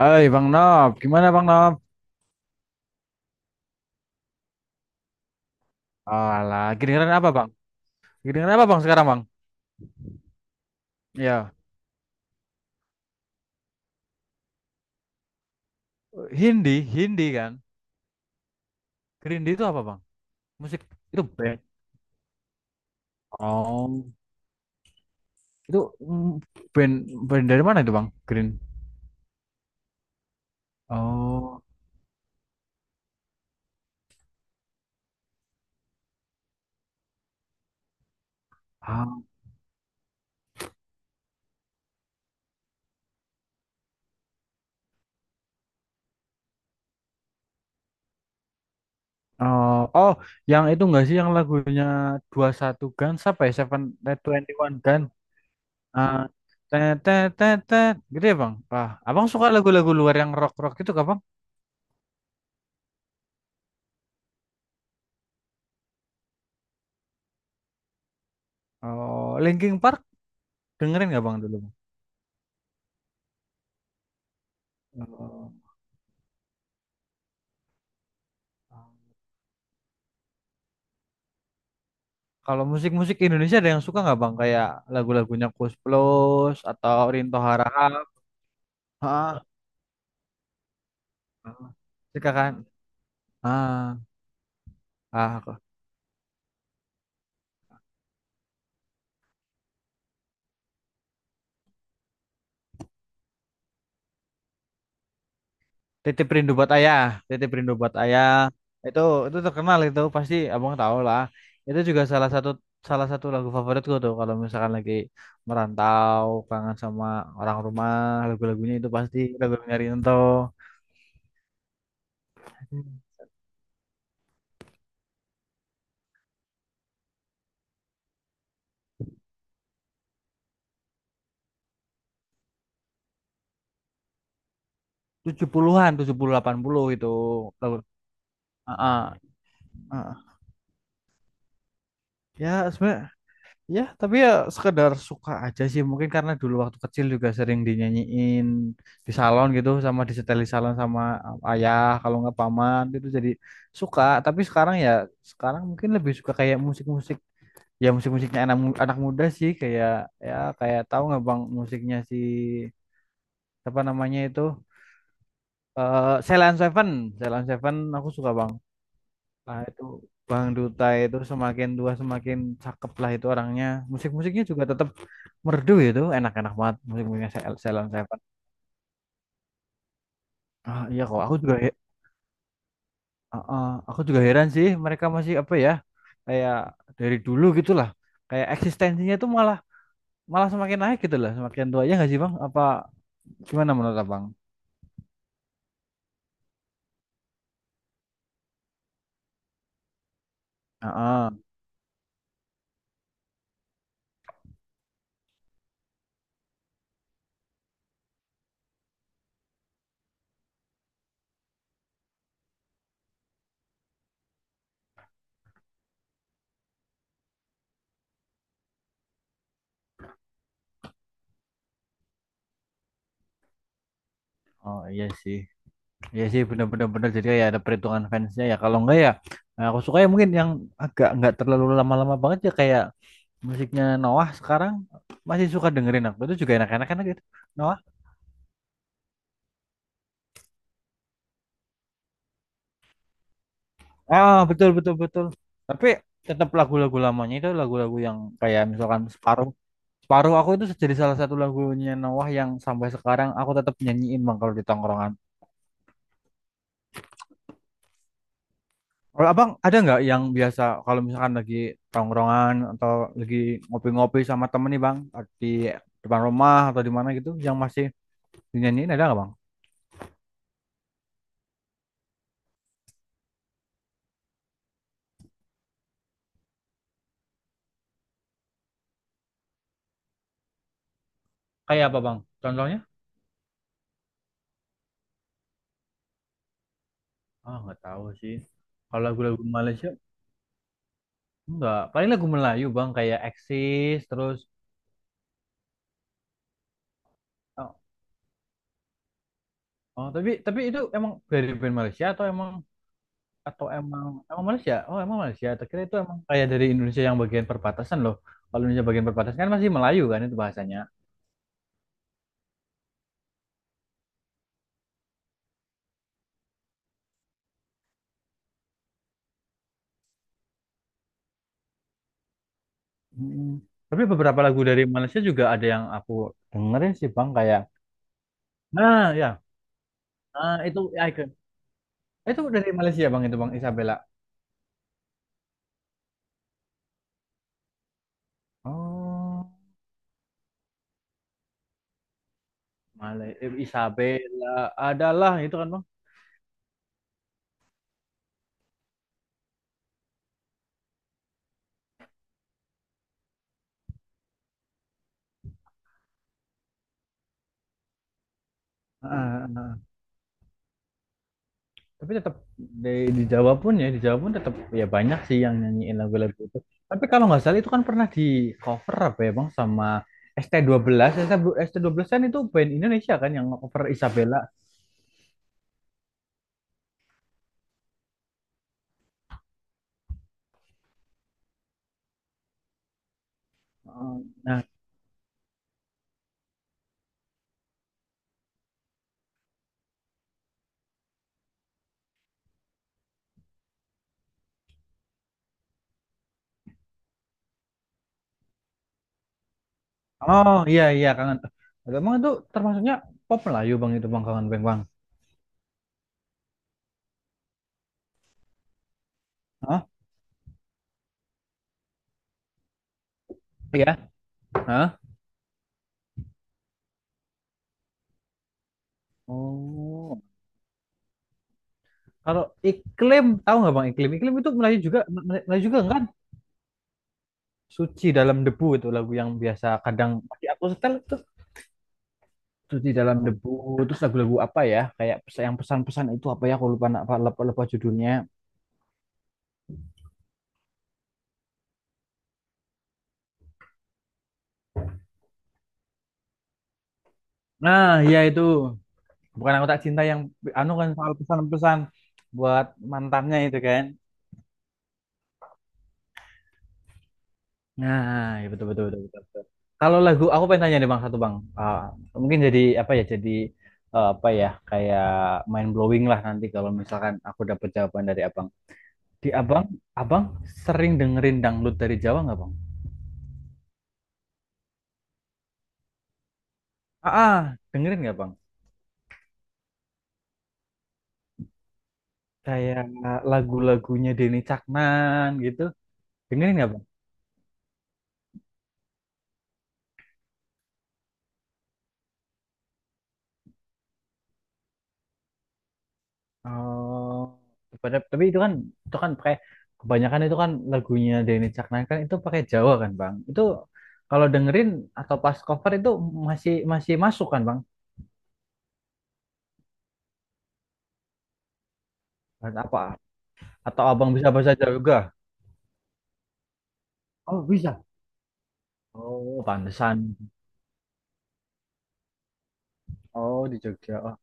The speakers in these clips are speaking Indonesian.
Hai Bang Nob, gimana Bang Nob? Alah, kedengeran apa Bang? Kedengeran apa Bang sekarang Bang? Ya. Hindi, Hindi kan? Hindi itu apa Bang? Musik itu band. Oh, itu band band dari mana itu Bang? Green. Oh, ah, oh, oh, yang itu enggak sih yang lagunya 21 Guns apa ya? Seven, eh, 21 Gun. Ah, Tet tet tet tet, gitu ya Bang. Abang suka lagu-lagu luar yang rock-rock itu gak Bang? Oh, Linkin Park dengerin gak Bang dulu? Bang? Oh. Kalau musik-musik Indonesia ada yang suka nggak bang? Kayak lagu-lagunya Koes Plus atau Rinto Harahap. Ah, ah. Suka kan? Ah, ah, kok. Titip Rindu Buat Ayah, Titip Rindu Buat Ayah. Itu itu terkenal, itu pasti abang tahu lah. Itu juga salah satu lagu favoritku tuh kalau misalkan lagi merantau, kangen sama orang rumah, lagu-lagunya itu pasti lagu-lagunya Rinto. 70-an, 70 80 itu lagu. Ah, ah, ah. Ya, sebenarnya. Ya, tapi ya sekedar suka aja sih. Mungkin karena dulu waktu kecil juga sering dinyanyiin di salon gitu sama di setel di salon sama ayah kalau nggak paman gitu jadi suka. Tapi sekarang ya sekarang mungkin lebih suka kayak musik-musik, ya musik-musiknya anak muda sih, kayak ya kayak, tahu nggak Bang musiknya si apa namanya itu, Celine Seven, Celine Seven aku suka Bang. Ah, itu Bang Duta itu semakin tua semakin cakep lah itu orangnya. Musik-musiknya juga tetap merdu itu, enak-enak banget musik-musiknya Ceylon Seven. Ah, iya kok, aku juga. Aku juga heran sih mereka masih apa ya, kayak dari dulu gitulah. Kayak eksistensinya itu malah malah semakin naik gitu lah, semakin tua ya nggak sih Bang? Apa gimana menurut Abang? Ah, ah. Oh iya sih bener-bener bener. Jadi ya ada perhitungan fansnya ya. Kalau enggak ya, nah, aku suka ya mungkin yang agak nggak terlalu lama-lama banget ya kayak musiknya Noah sekarang, masih suka dengerin aku itu, juga enak-enakan gitu. Noah. Ah, betul betul betul. Tapi tetap lagu-lagu lamanya, itu lagu-lagu yang kayak misalkan separuh separuh aku itu, jadi salah satu lagunya Noah yang sampai sekarang aku tetap nyanyiin bang kalau di tongkrongan. Kalau abang ada nggak yang biasa kalau misalkan lagi tongkrongan atau lagi ngopi-ngopi sama temen nih bang, di depan rumah atau di mana gitu yang masih dinyanyiin, ada nggak bang? Kayak apa bang? Contohnya? Ah, nggak tahu sih. Kalau lagu-lagu Malaysia enggak, paling lagu Melayu bang kayak Eksis terus. Oh, oh, tapi itu emang dari band Malaysia atau emang emang Malaysia? Oh, emang Malaysia. Tak itu emang kayak dari Indonesia yang bagian perbatasan loh. Kalau Indonesia bagian perbatasan kan masih Melayu kan itu bahasanya. Mm. Tapi beberapa lagu dari Malaysia juga ada yang aku dengerin sih bang, kayak nah ya, itu Icon. Itu dari Malaysia bang itu bang Isabella. Oh, Isabella adalah itu kan bang. Ah, ah, ah. Tapi tetap di, di, Jawa pun ya, di Jawa pun tetap ya banyak sih yang nyanyiin lagu-lagu itu. Tapi kalau nggak salah itu kan pernah di cover apa ya Bang sama ST12. St belas S T dua belas kan itu band Indonesia kan yang cover Isabella. Eh, Nah, oh, iya, iya, kangen. Emang itu termasuknya pop Melayu Bang itu Bang kangen Bang Bang. Hah? Iya. Hah? Oh. Kalau iklim tahu nggak Bang iklim? Iklim itu Melayu juga kan? Suci dalam debu itu lagu yang biasa kadang masih aku setel, cuci dalam debu, terus lagu-lagu apa ya kayak yang pesan-pesan itu apa ya aku lupa, apa lupa judulnya, nah, ya itu bukan aku tak cinta yang anu kan soal pesan-pesan buat mantannya itu kan. Nah, ya betul betul betul, betul, betul. Kalau lagu aku pengen tanya nih bang, satu bang. Mungkin jadi apa ya, jadi apa ya, kayak mind blowing lah nanti kalau misalkan aku dapat jawaban dari abang, di abang abang sering dengerin dangdut dari Jawa nggak bang? Ah, ah, dengerin nggak bang? Kayak lagu-lagunya Denny Caknan gitu. Dengerin nggak, Bang? Oh, tapi itu kan pakai kebanyakan, itu kan lagunya Denny Caknan kan itu pakai Jawa kan, Bang. Itu kalau dengerin atau pas cover itu masih masih masuk kan, Bang? Bahasa Apa? Atau Abang bisa bahasa Jawa juga? Oh, bisa. Oh, pantesan. Oh, di Jogja. Oh,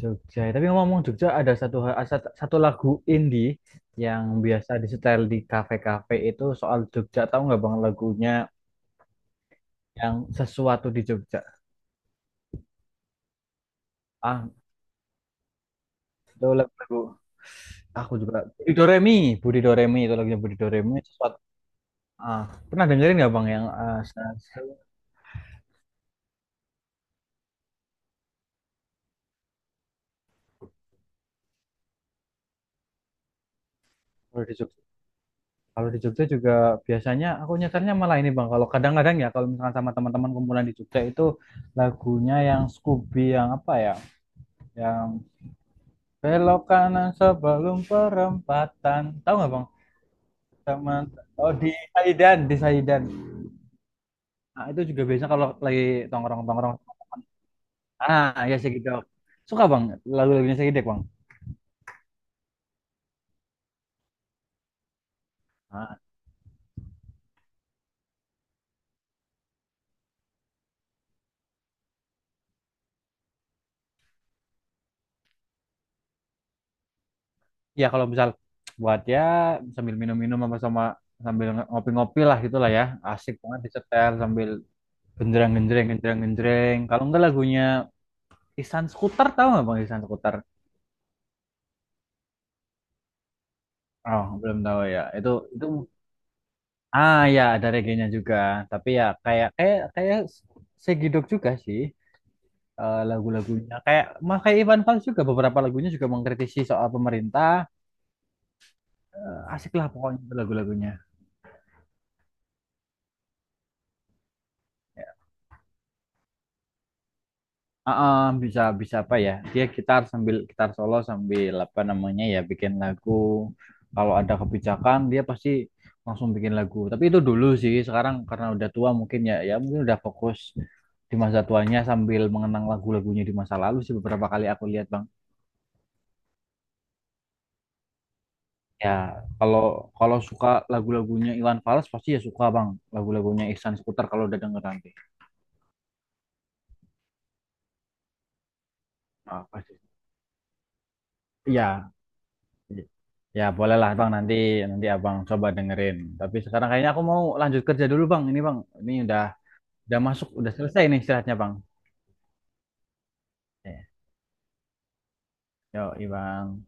Jogja. Tapi ngomong Jogja, ada satu lagu indie yang biasa disetel di kafe-kafe itu soal Jogja. Tahu nggak Bang lagunya yang sesuatu di Jogja? Ah, itu lagu. Aku juga Budi Doremi itu lagunya Budi Doremi sesuatu. Ah, pernah dengerin nggak Bang yang, sesuatu di Jogja? Kalau di Jogja juga biasanya aku nyetelnya malah ini Bang. Kalau kadang-kadang ya kalau misalkan sama teman-teman kumpulan di Jogja itu, lagunya yang Scooby yang apa ya? Yang belok kanan sebelum perempatan. Tahu nggak bang? Sama, oh, di Saidan, di Saidan. Nah, itu juga biasanya kalau lagi tongkrong-tongkrong. Ah, ya Segidok. Suka bang lagu-lagunya Segidok bang. Ah, ya kalau misal buat ya sambil minum-minum sama sama sambil ngopi-ngopi lah gitulah ya. Asik banget disetel sambil genjreng-genjreng, genjreng-genjreng. Kalau enggak lagunya Ihsan Skuter, tahu nggak bang Ihsan Skuter? Oh, belum tahu ya. Itu ah, ya, ada reggae-nya juga, tapi ya kayak kayak kayak segidok juga sih, lagu-lagunya. Kayak mas kayak Ivan Fals juga beberapa lagunya juga mengkritisi soal pemerintah. Asik lah pokoknya itu lagu-lagunya. Ah, ah, bisa bisa apa ya? Dia gitar sambil gitar solo sambil apa namanya ya bikin lagu. Kalau ada kebijakan dia pasti langsung bikin lagu. Tapi itu dulu sih. Sekarang karena udah tua mungkin ya mungkin udah fokus di masa tuanya sambil mengenang lagu-lagunya di masa lalu sih, beberapa kali aku lihat bang. Ya, kalau kalau suka lagu-lagunya Iwan Fals pasti ya suka Bang, lagu-lagunya Ihsan Seputar kalau udah denger nanti. Ah, pasti. Iya, ya bolehlah Bang, nanti nanti Abang coba dengerin. Tapi sekarang kayaknya aku mau lanjut kerja dulu Bang. Ini Bang, ini udah masuk, udah selesai nih istirahatnya Bang. Ya, yuk, Bang.